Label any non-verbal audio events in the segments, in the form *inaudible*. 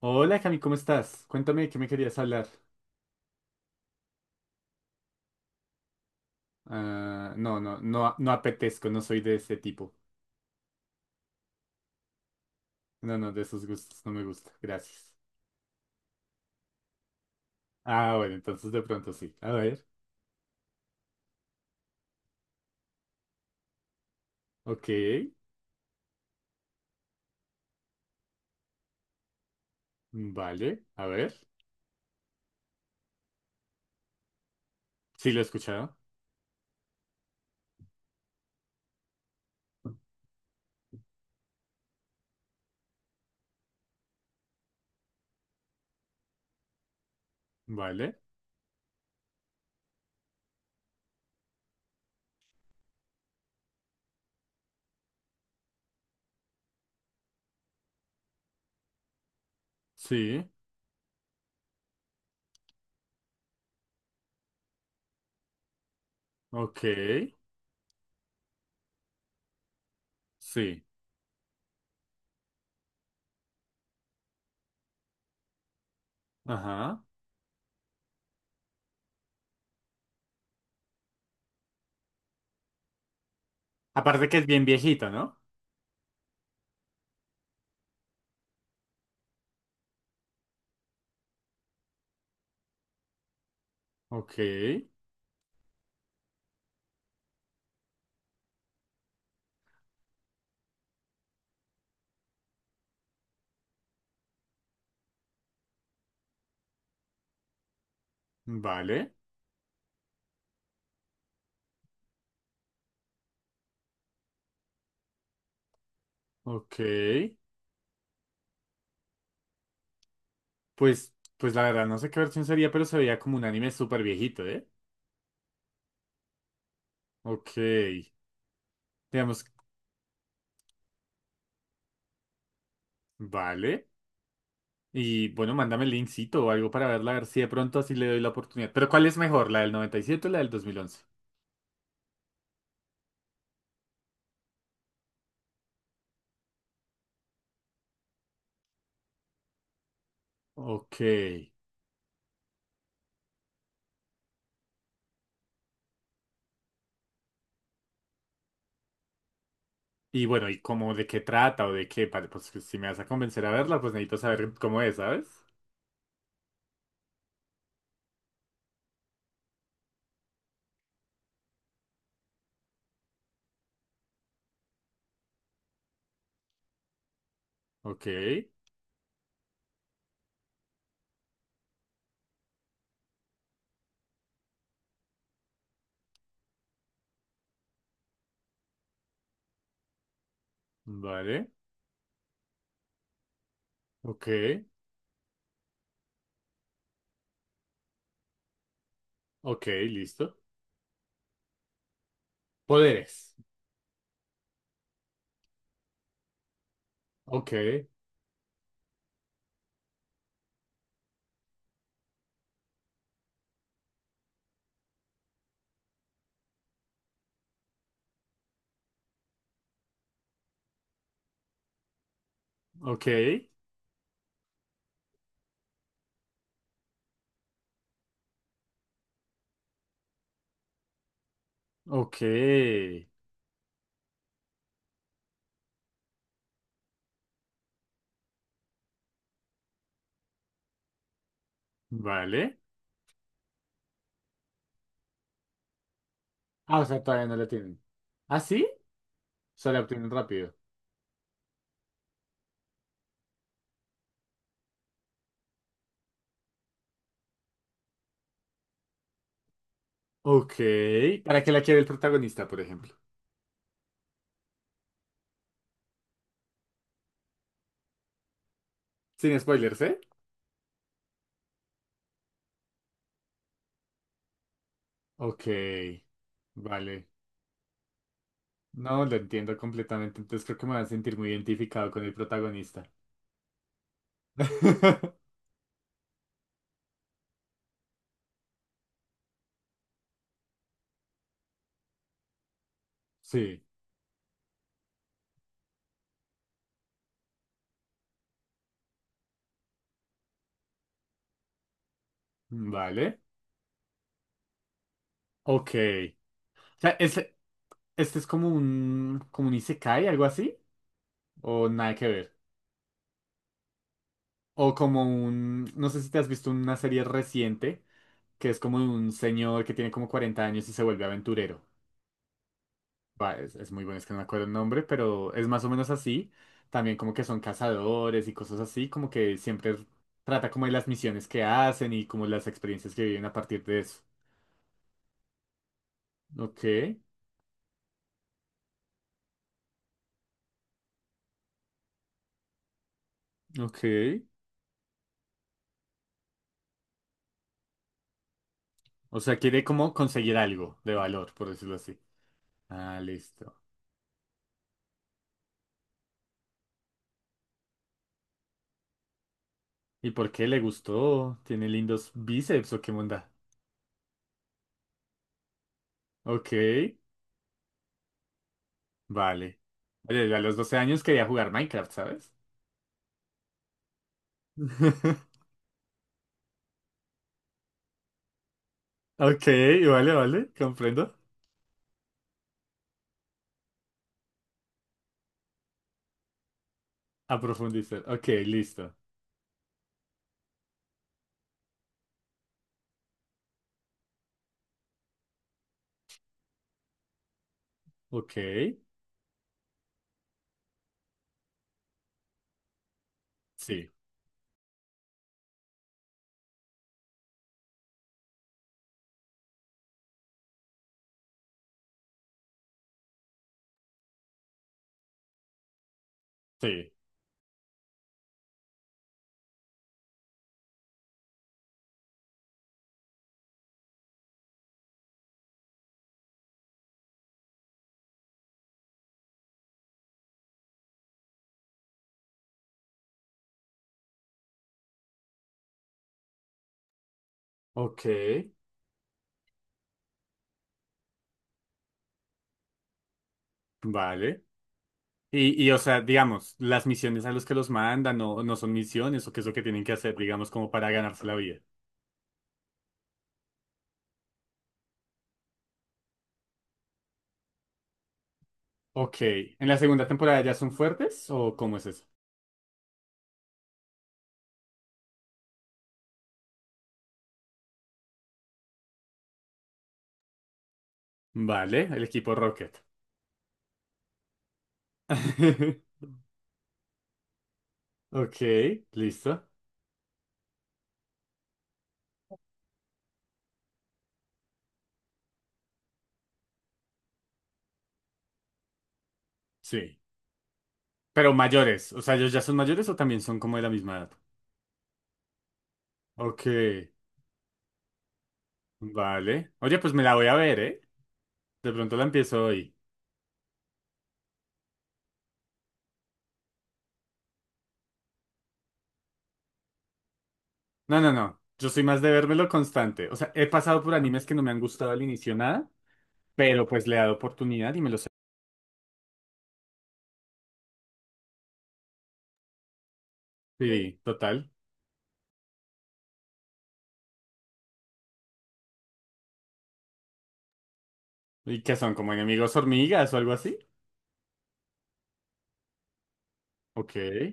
Hola Cami, ¿cómo estás? Cuéntame de qué me querías hablar. Ah, no, no, no, no apetezco, no soy de ese tipo. No, no, de esos gustos no me gusta. Gracias. Ah, bueno, entonces de pronto sí. A ver. Ok. Vale. A ver. Sí, lo he escuchado. Vale. Sí. Ok. Sí. Ajá. Aparte que es bien viejito, ¿no? Ok. Vale. Ok. Pues la verdad, no sé qué versión sería, pero se veía como un anime súper viejito, ¿eh? Ok. Digamos, vale. Y bueno, mándame el linkcito o algo para verla, a ver si de pronto así le doy la oportunidad. Pero ¿cuál es mejor, la del noventa y siete o la del 2011? Ok. Y bueno, ¿y cómo de qué trata o de qué? Vale, pues, si me vas a convencer a verla, pues necesito saber cómo es, ¿sabes? Ok. Vale. Ok. Ok, listo. Poderes. Ok. Ok. Ok. Vale. Ah, o sea, todavía no la tienen. ¿Ah, sí? O sea, la obtienen rápido. Ok. ¿Para qué la quiere el protagonista, por ejemplo? Sin spoilers, ¿eh? Ok, vale. No, lo entiendo completamente, entonces creo que me voy a sentir muy identificado con el protagonista. *laughs* Sí, vale. Ok. O sea, este es como un isekai, algo así, o nada que ver. O como un, no sé si te has visto una serie reciente, que es como de un señor que tiene como 40 años y se vuelve aventurero. Va, es muy bueno, es que no me acuerdo el nombre, pero es más o menos así. También como que son cazadores y cosas así, como que siempre trata como de las misiones que hacen y como las experiencias que viven a partir de eso. Ok, ok. O sea, quiere como conseguir algo de valor, por decirlo así. Ah, listo. ¿Y por qué le gustó? ¿Tiene lindos bíceps o qué onda? Ok, vale. Oye, yo a los 12 años quería jugar Minecraft, ¿sabes? *laughs* Ok, vale, vale, comprendo. A profundizar. Ok, listo. Ok, sí, sí. Ok, vale. Y, o sea, digamos, las misiones a los que los mandan no, no son misiones o qué es lo que tienen que hacer, digamos, como para ganarse la vida. Ok, ¿en la segunda temporada ya son fuertes o cómo es eso? Vale, el equipo Rocket. *laughs* Ok, listo. Sí. Pero mayores, o sea, ¿ellos ya son mayores o también son como de la misma edad? Ok, vale. Oye, pues me la voy a ver, ¿eh? De pronto la empiezo hoy. No, no, no. Yo soy más de vérmelo constante. O sea, he pasado por animes que no me han gustado al inicio nada, pero pues le he dado oportunidad y me los he. Sí, total. ¿Y qué son? ¿Como enemigos hormigas o algo así? Ok. *laughs*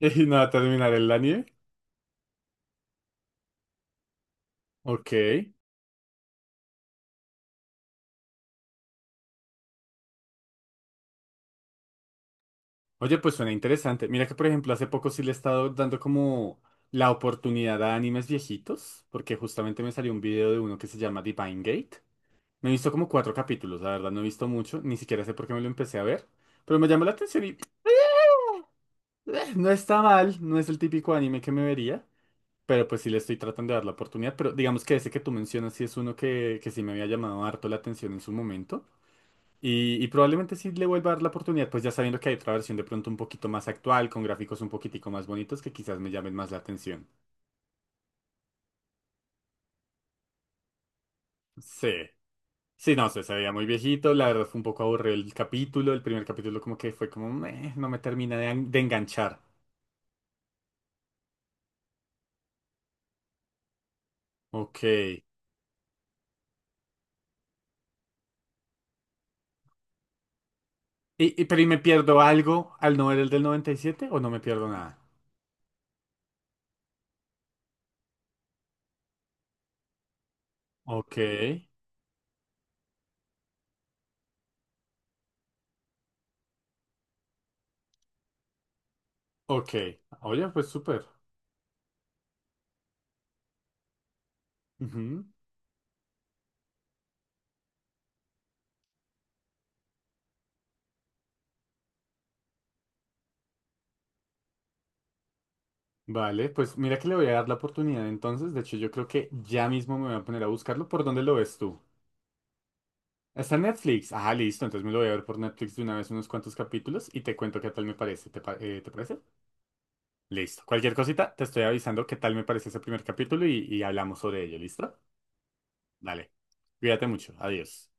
Y nada, terminar el anime. Ok. Oye, pues suena interesante. Mira que, por ejemplo, hace poco sí le he estado dando como la oportunidad a animes viejitos, porque justamente me salió un video de uno que se llama Divine Gate. Me he visto como cuatro capítulos, la verdad, no he visto mucho, ni siquiera sé por qué me lo empecé a ver, pero me llamó la atención y no está mal, no es el típico anime que me vería, pero pues sí le estoy tratando de dar la oportunidad, pero digamos que ese que tú mencionas sí es uno que sí me había llamado harto la atención en su momento y probablemente sí le vuelva a dar la oportunidad, pues ya sabiendo que hay otra versión de pronto un poquito más actual, con gráficos un poquitico más bonitos que quizás me llamen más la atención. Sí, sí, no sé, se veía muy viejito, la verdad fue un poco aburrido el capítulo, el primer capítulo como que fue como, "Meh, no me termina de enganchar". Ok. Pero ¿y me pierdo algo al no ver el del 97 o no me pierdo nada? Ok, ok. Oye, pues súper. Ujú. Vale, pues mira que le voy a dar la oportunidad entonces. De hecho, yo creo que ya mismo me voy a poner a buscarlo. ¿Por dónde lo ves tú? Está en Netflix. Ah, listo. Entonces me lo voy a ver por Netflix de una vez unos cuantos capítulos y te cuento qué tal me parece. ¿Te parece? Listo. Cualquier cosita, te estoy avisando qué tal me parece ese primer capítulo y hablamos sobre ello. ¿Listo? Dale. Cuídate mucho. Adiós.